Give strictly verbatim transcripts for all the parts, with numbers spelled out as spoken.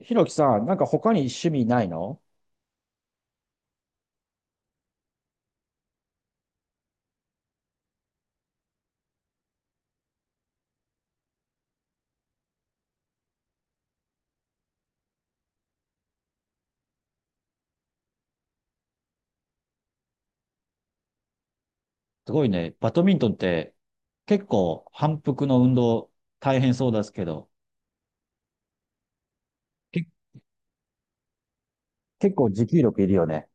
ひろきさん、なんか他に趣味ないの？すごいね。バドミントンって結構反復の運動大変そうですけど、け、結構持久力いるよね。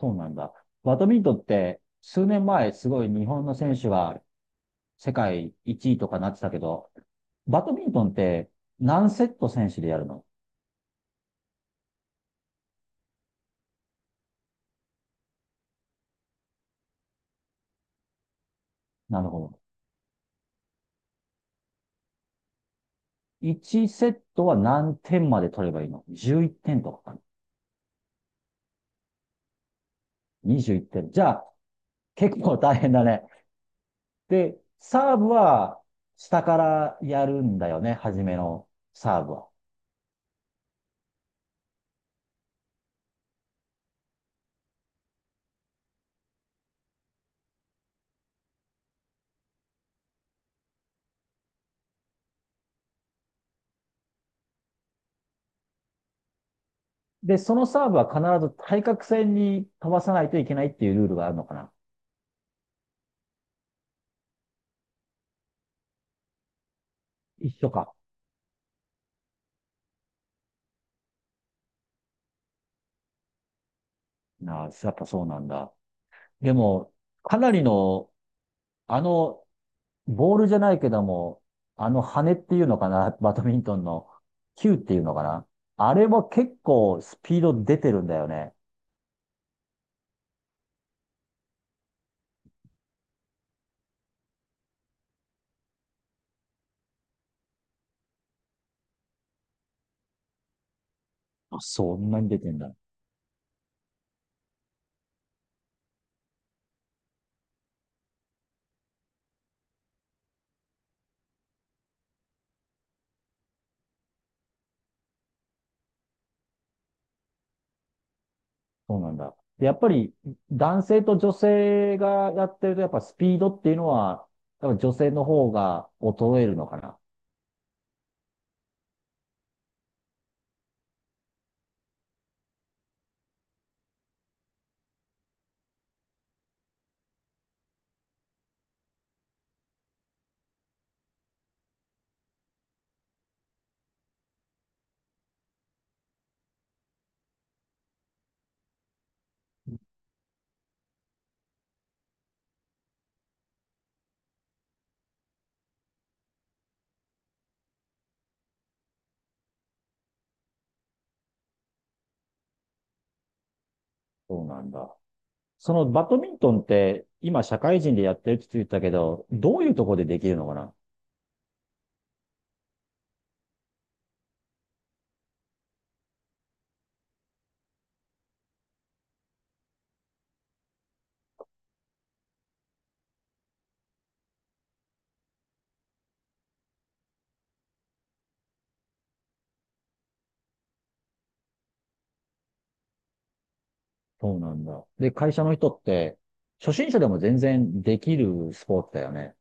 そうなんだ。バドミントンって数年前すごい日本の選手が世界いちいとかなってたけど、バドミントンって何セット選手でやるの？なるほど。いちセットは何点まで取ればいいの？ じゅういち 点とかかな？ にじゅういち 点。じゃあ結構大変だね。で、サーブは下からやるんだよね、初めのサーブは。で、そのサーブは必ず対角線に飛ばさないといけないっていうルールがあるのかな。一緒か。なあ、やっぱそうなんだ。でも、かなりの、あの、ボールじゃないけども、あの羽っていうのかな、バドミントンの球っていうのかな。あれも結構スピード出てるんだよね。あ、そんなに出てんだ。そうなんだ。でやっぱり男性と女性がやってると、やっぱスピードっていうのは、多分女性の方が衰えるのかな。そうなんだ。そのバドミントンって今社会人でやってるって言ったけど、どういうところでできるのかな。そうなんだ。で、会社の人って初心者でも全然できるスポーツだよね。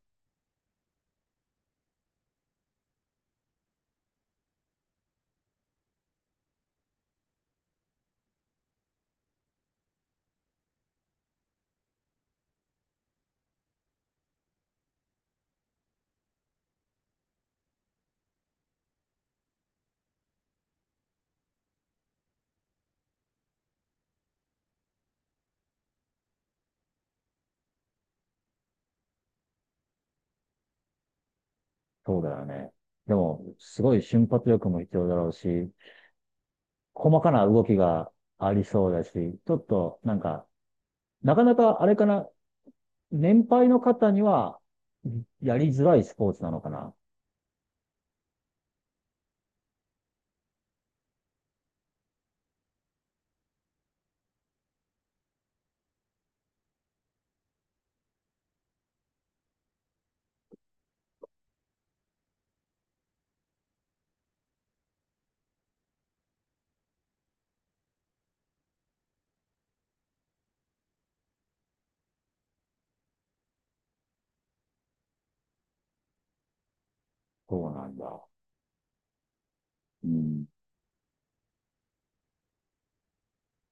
そうだよね。でも、すごい瞬発力も必要だろうし、細かな動きがありそうだし、ちょっとなんか、なかなかあれかな、年配の方には、やりづらいスポーツなのかな。そうなんだ。うん。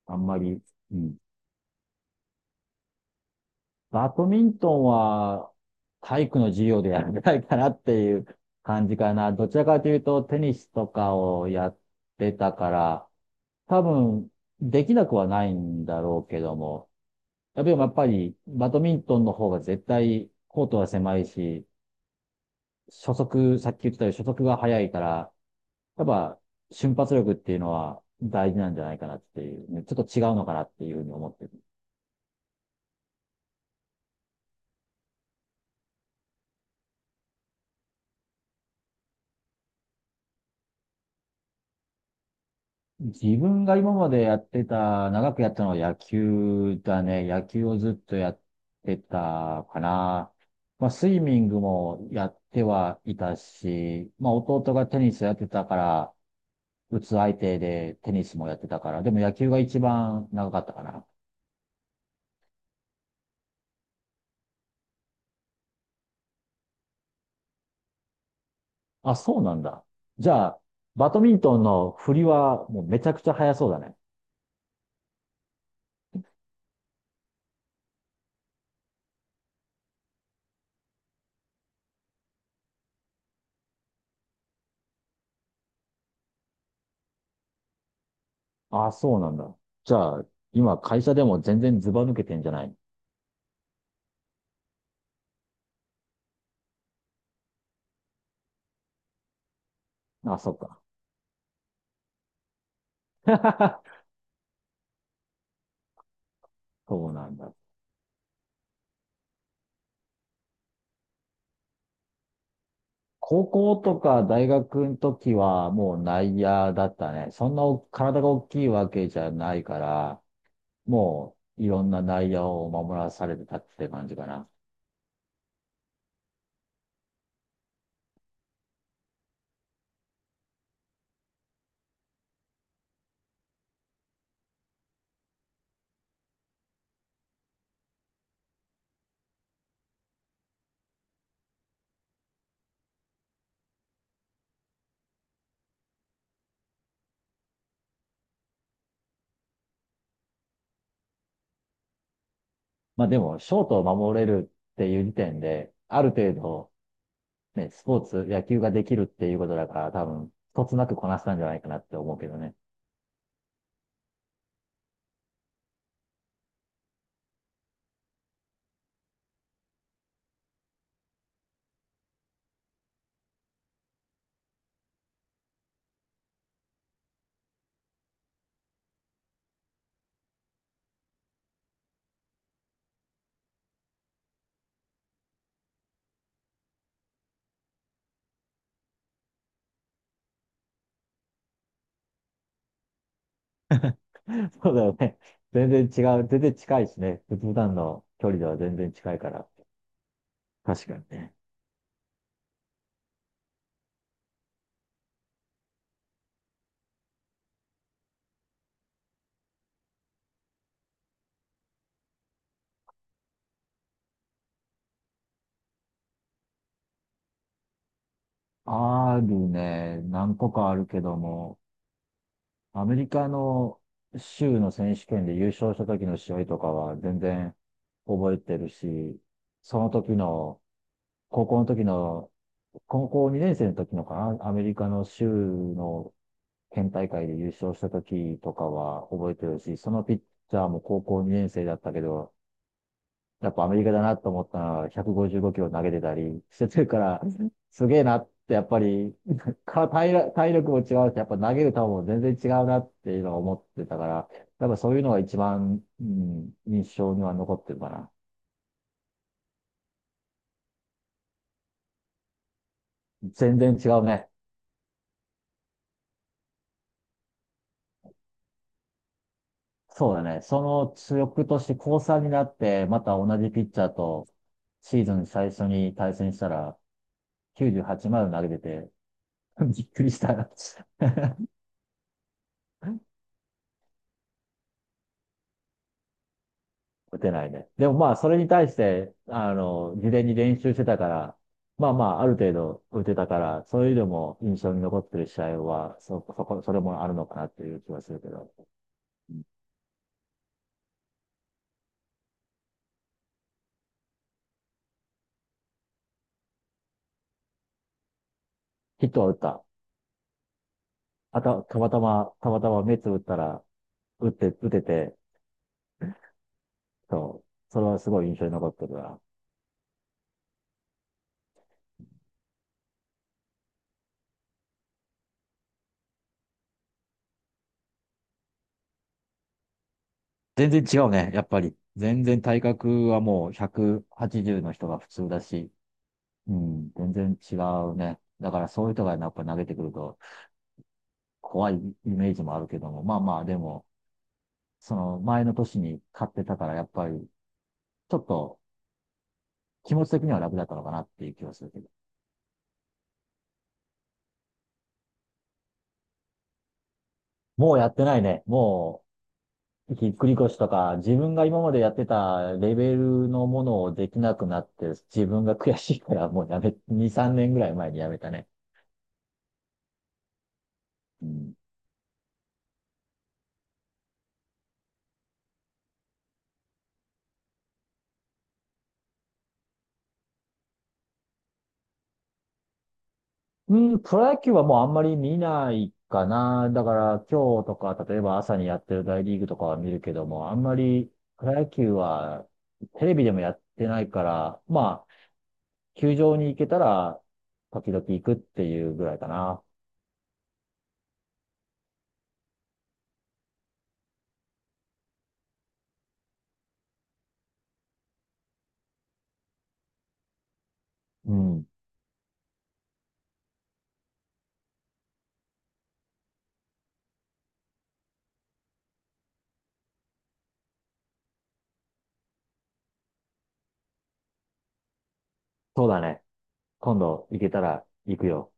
あんまり、うん。バドミントンは、体育の授業でやりたいかなっていう感じかな。どちらかというと、テニスとかをやってたから、多分、できなくはないんだろうけども、やっぱりやっぱり、バドミントンの方が絶対、コートは狭いし、初速、さっき言ってたように初速が速いから、やっぱ瞬発力っていうのは大事なんじゃないかなっていうね、ちょっと違うのかなっていうふうに思ってる。自分が今までやってた、長くやったのは野球だね。野球をずっとやってたかな。まあ、スイミングもやってはいたし、まあ、弟がテニスやってたから、打つ相手でテニスもやってたから、でも野球が一番長かったかな。あ、そうなんだ。じゃあ、バドミントンの振りはもうめちゃくちゃ速そうだね。あ、そうなんだ。じゃあ、今会社でも全然ズバ抜けてんじゃない？あ、そっか。そうなんだ。高校とか大学の時はもう内野だったね。そんな体が大きいわけじゃないから、もういろんな内野を守らされてたって感じかな。まあでも、ショートを守れるっていう時点で、ある程度、ね、スポーツ、野球ができるっていうことだから、多分、一つなくこなせたんじゃないかなって思うけどね。そうだよね。全然違う。全然近いしね。普段の距離では全然近いから。確かにね。あるね。何個かあるけども、アメリカの州の選手権で優勝した時の試合とかは全然覚えてるし、その時の、高校の時の、高校にねん生の時のかな、アメリカの州の県大会で優勝した時とかは覚えてるし、そのピッチャーも高校にねん生だったけど、やっぱアメリカだなと思ったのは、ひゃくごじゅうごキロ投げてたりしてるから、すげえなって、やっぱり、か体力、体力も違うし、やっぱ投げる球も全然違うなっていうのを思ってたから、やっぱそういうのが一番、うん、印象には残ってるかな。全然違うね。そうだね。その強くとして高さんになって、また同じピッチャーとシーズン最初に対戦したら、きゅうじゅうはちまで投げてて、びっくりした。打てないね。でもまあ、それに対して、あの、事前に練習してたから、まあまあ、ある程度打てたから、そういうのも印象に残ってる試合は、そ、そこ、それもあるのかなっていう気はするけど。ヒットは打った。あた、たまたま、たまたま目つぶったら、打って、打てて、そう。それはすごい印象に残ってるな。全然違うね、やっぱり。全然体格はもうひゃくはちじゅうの人が普通だし、うん、全然違うね。だからそういう人がやっぱ投げてくると、怖いイメージもあるけども、まあまあ、でも、その前の年に買ってたから、やっぱり、ちょっと気持ち的には楽だったのかなっていう気はするけど。もうやってないね。もう、ひっくり腰とか、自分が今までやってたレベルのものをできなくなって、自分が悔しいからもうやめ、に、さんねんぐらい前にやめたね。うんうん、プロ野球はもうあんまり見ないかな。だから今日とか、例えば朝にやってる大リーグとかは見るけども、あんまりプロ野球はテレビでもやってないから、まあ、球場に行けたら時々行くっていうぐらいかな。うん、そうだね。今度行けたら行くよ。